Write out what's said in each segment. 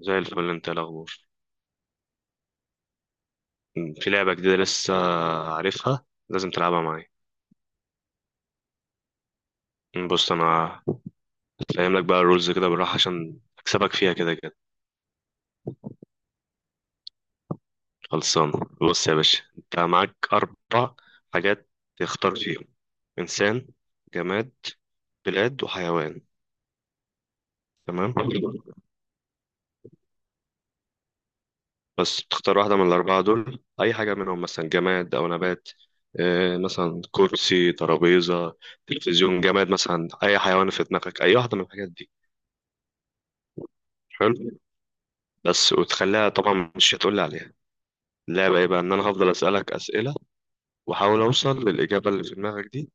زي الفل. انت ايه الاخبار؟ في لعبه جديده لسه عارفها، لازم تلعبها معايا. بص انا فاهم لك بقى الرولز كده بالراحه عشان اكسبك فيها كده كده. خلصان. بص يا باشا، انت معاك اربع حاجات تختار فيهم: انسان، جماد، بلاد وحيوان. تمام. بس تختار واحده من الاربعه دول، اي حاجه منهم مثلا جماد او نبات. مثلا كرسي، ترابيزه، تلفزيون، جماد مثلا، اي حيوان في دماغك، اي واحده من الحاجات دي. حلو. بس وتخليها طبعا مش هتقولي عليها. اللعبة ايه بقى؟ ان انا هفضل اسألك اسئلة واحاول اوصل للاجابة اللي في دماغك دي،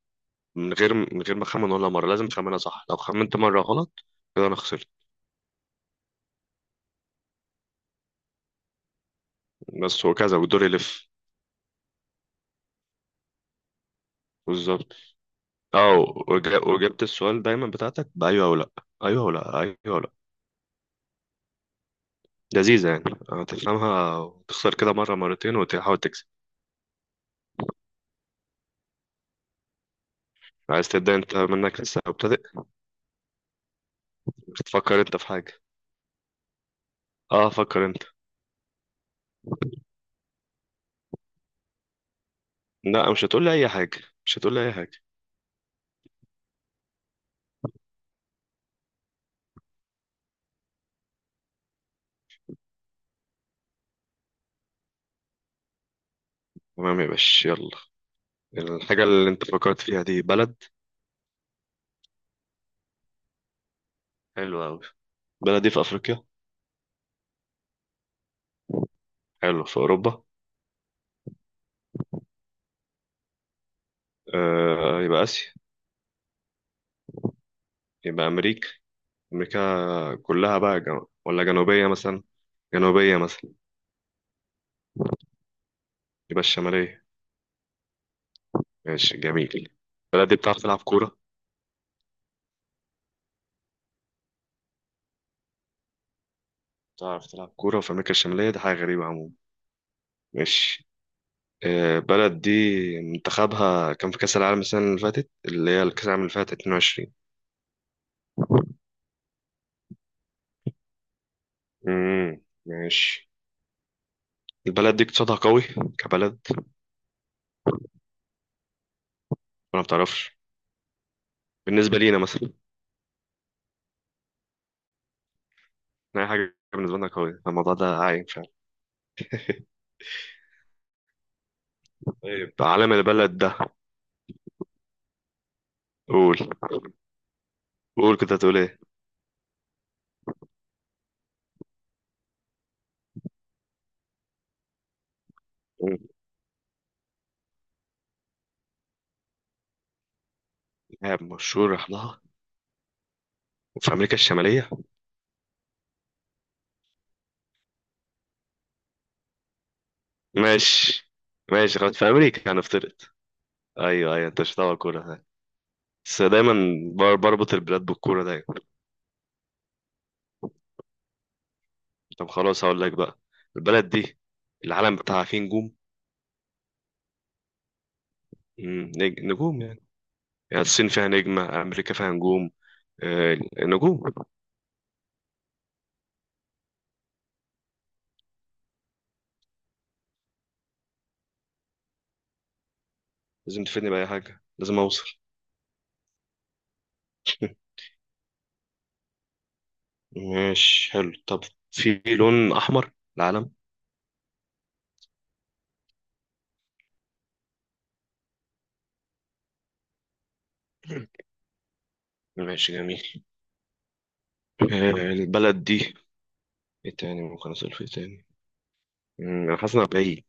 من غير ما اخمن ولا مرة. لازم تخمنها صح، لو خمنت مرة غلط كده انا خسرت. بس وكذا، والدور يلف. بالظبط. اه. وجبت السؤال دايما بتاعتك بأيوه او لا. ايوه او لا، ايوه او لا. لذيذة يعني، هتفهمها وتخسر كده مرة مرتين وتحاول تكسب. عايز تبدأ انت؟ منك، لسه مبتدئ. تفكر انت في حاجة. اه فكر انت. لا، مش هتقول لي اي حاجة. مش هتقول لي اي حاجة. تمام يا باشا، يلا. الحاجة اللي انت فكرت فيها دي بلد. حلوة أوي. البلد دي في أفريقيا؟ حلو، في أوروبا؟ آه يبقى آسيا. يبقى أمريكا. أمريكا كلها بقى، ولا جنوبية مثلا؟ جنوبية مثلا؟ يبقى الشمالية. ماشي، جميل. البلد دي بتعرف تلعب كورة؟ بتعرف تلعب كورة في أمريكا الشمالية، دي حاجة غريبة عموما. ماشي. البلد دي منتخبها كان في كأس العالم السنة اللي فاتت، اللي هي الكأس العالم اللي فاتت، 22. ماشي. البلد دي اقتصادها قوي كبلد، ولا ما بتعرفش؟ بالنسبة لينا مثلا. أي حاجة بالنسبة لنا قوية، الموضوع ده عايم فعلا. طيب، علم البلد ده؟ قول، قول، كنت هتقول إيه؟ إرهاب مشهور راح لها في أمريكا الشمالية. ماشي. ماشي خلاص، في أمريكا هنفترض. أيوه أيوه، أنت مش هتعرف الكورة ده. بس دايما بربط البلاد بالكورة دايما. طب خلاص هقول لك بقى، البلد دي العلم بتاعها فيه نجوم. نجوم يعني. يعني الصين فيها نجمة، أمريكا فيها نجوم. آه، نجوم. لازم تفيدني بأي حاجة، لازم أوصل. ماشي حلو. طب في لون أحمر العلم؟ ماشي جميل. آه، البلد دي ايه تاني ممكن أسأل في إيه تاني؟ أنا حاسس إنها بعيد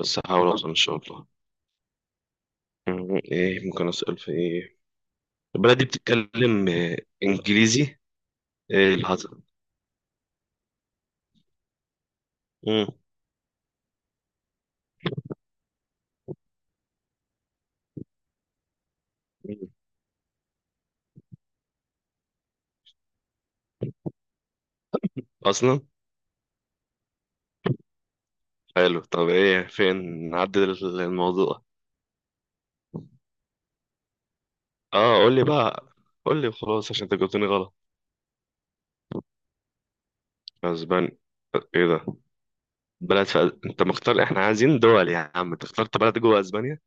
بس هحاول أوصل إن شاء الله. ايه ممكن أسأل في ايه؟ البلد دي بتتكلم إنجليزي؟ ايه اللي حصل؟ مم. مم. أصلا. حلو، طب ايه، فين؟ نعدل الموضوع. اه قول لي بقى، قول لي وخلاص عشان انت جاوبتني غلط. اسبانيا؟ ايه ده؟ انت مختار، احنا عايزين دول يا عم، انت اخترت بلد جوه اسبانيا.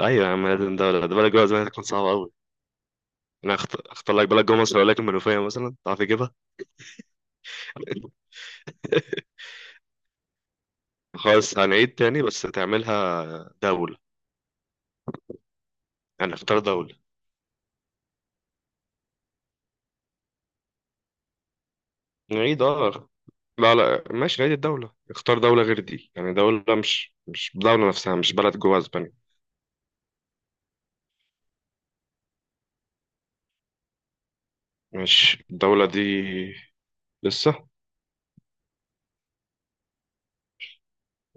ايوه يا عم لازم ده، ولا ده بلد جوه زمان تكون صعبه قوي. انا اختار لك بلد جوه مصر، اقول لك المنوفيه مثلا، تعرف تجيبها؟ خلاص هنعيد تاني، بس تعملها دوله، يعني اختار دوله. نعيد اه. لا لا ماشي، نعيد الدوله، اختار دوله غير دي، يعني دوله، مش دوله نفسها، مش بلد جوه اسبانيا. ماشي، الدوله دي لسه.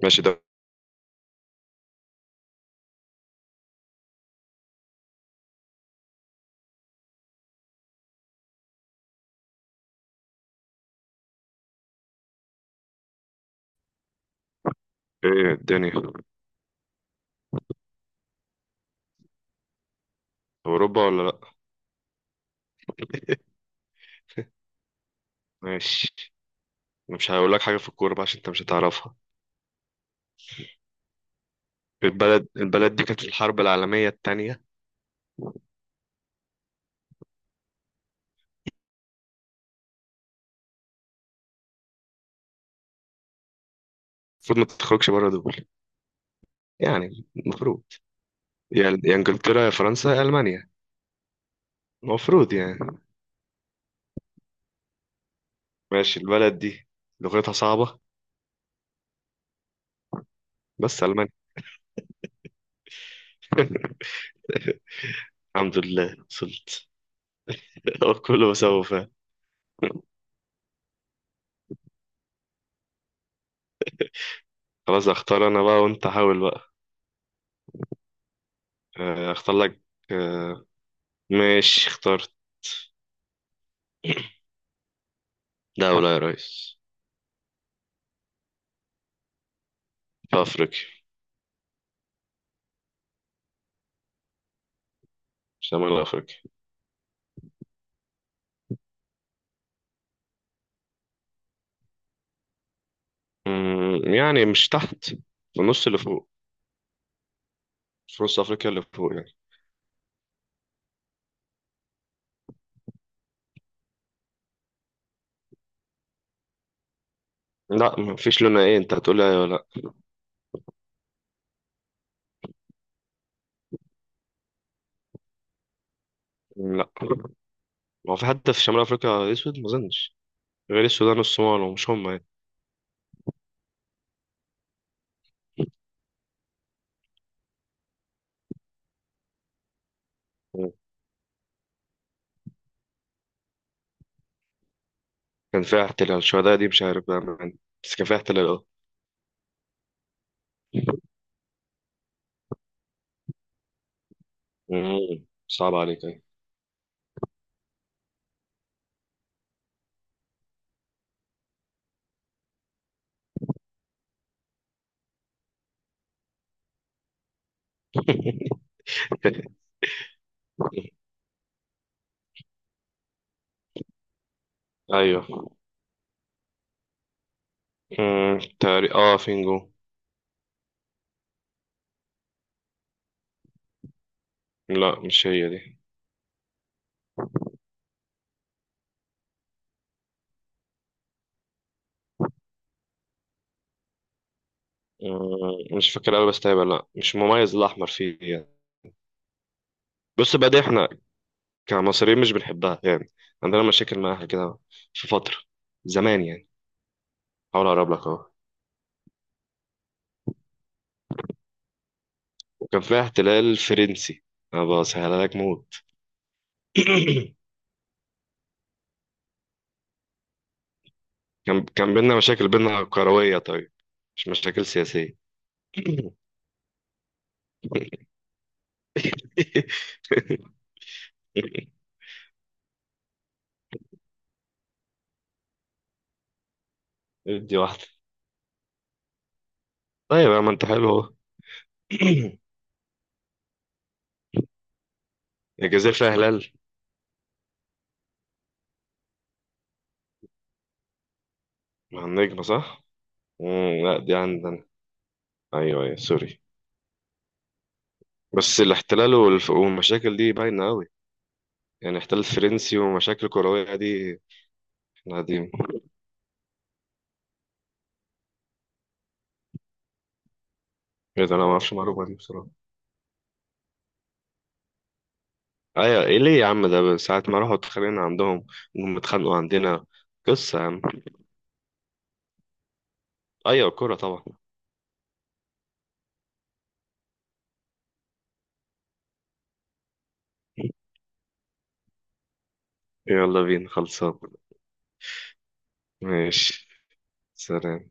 ماشي ده. ايه الدنيا؟ اوروبا ولا لا؟ ماشي. انا مش هقول لك حاجه في الكوره بقى عشان انت مش هتعرفها. البلد دي كانت في الحرب العالميه التانية. المفروض ما تخرجش بره، يعني المفروض يا انجلترا يا فرنسا يا المانيا، المفروض يعني. ماشي. البلد دي لغتها صعبة. بس المانيا. الحمد لله وصلت. كله بسببه فعلا. خلاص اختار انا بقى، وانت حاول بقى. آه، اختار لك. آه، ماشي اخترت. دولة يا ريس. في افريقيا. شمال افريقيا. أمم، يعني مش تحت، في النص اللي فوق، في نص افريقيا اللي فوق يعني. لا مفيش لون، ايه انت هتقول لي ايه ولا؟ لا لا. هو في حد في شمال افريقيا اسود؟ ما اظنش، غير السودان والصومال، ومش هم يعني. كان فيها احتلال. الشهداء دي مش عارف بقى بس كان فيها احتلال اه. مم. صعب عليك أيوة. أيوه. مم. تاري اه فينجو. لا مش هي دي. مم. مش فاكر أوي بس تقريبا لا مش مميز الأحمر فيه يعني. بص بقى، دي احنا كمصريين مش بنحبها يعني، عندنا مشاكل معاها كده، في فترة زمان يعني. حاول أقرب لك أهو. وكان فيها احتلال فرنسي. أنا بسهلها لك موت. كان بينا مشاكل، بينا كروية طيب، مش مشاكل سياسية. ادي واحدة. طيب يا ما انت حلو اهو. الجزائر فيها هلال مع النجمة صح؟ مم لا، دي عندنا. ايوه ايوه سوري. بس الاحتلال والمشاكل دي باينة قوي، يعني احتلال فرنسي ومشاكل كروية دي. احنا قديم. ايه ده، انا ما اعرفش المعلومة دي بصراحة. ايوه، ايه ليه يا عم؟ ده ساعة ما راحوا اتخانقنا عندهم، وهم اتخانقوا عندنا، قصة يا عم. ايوه الكورة طبعا. يلا بينا، خلصان. ماشي. سلام.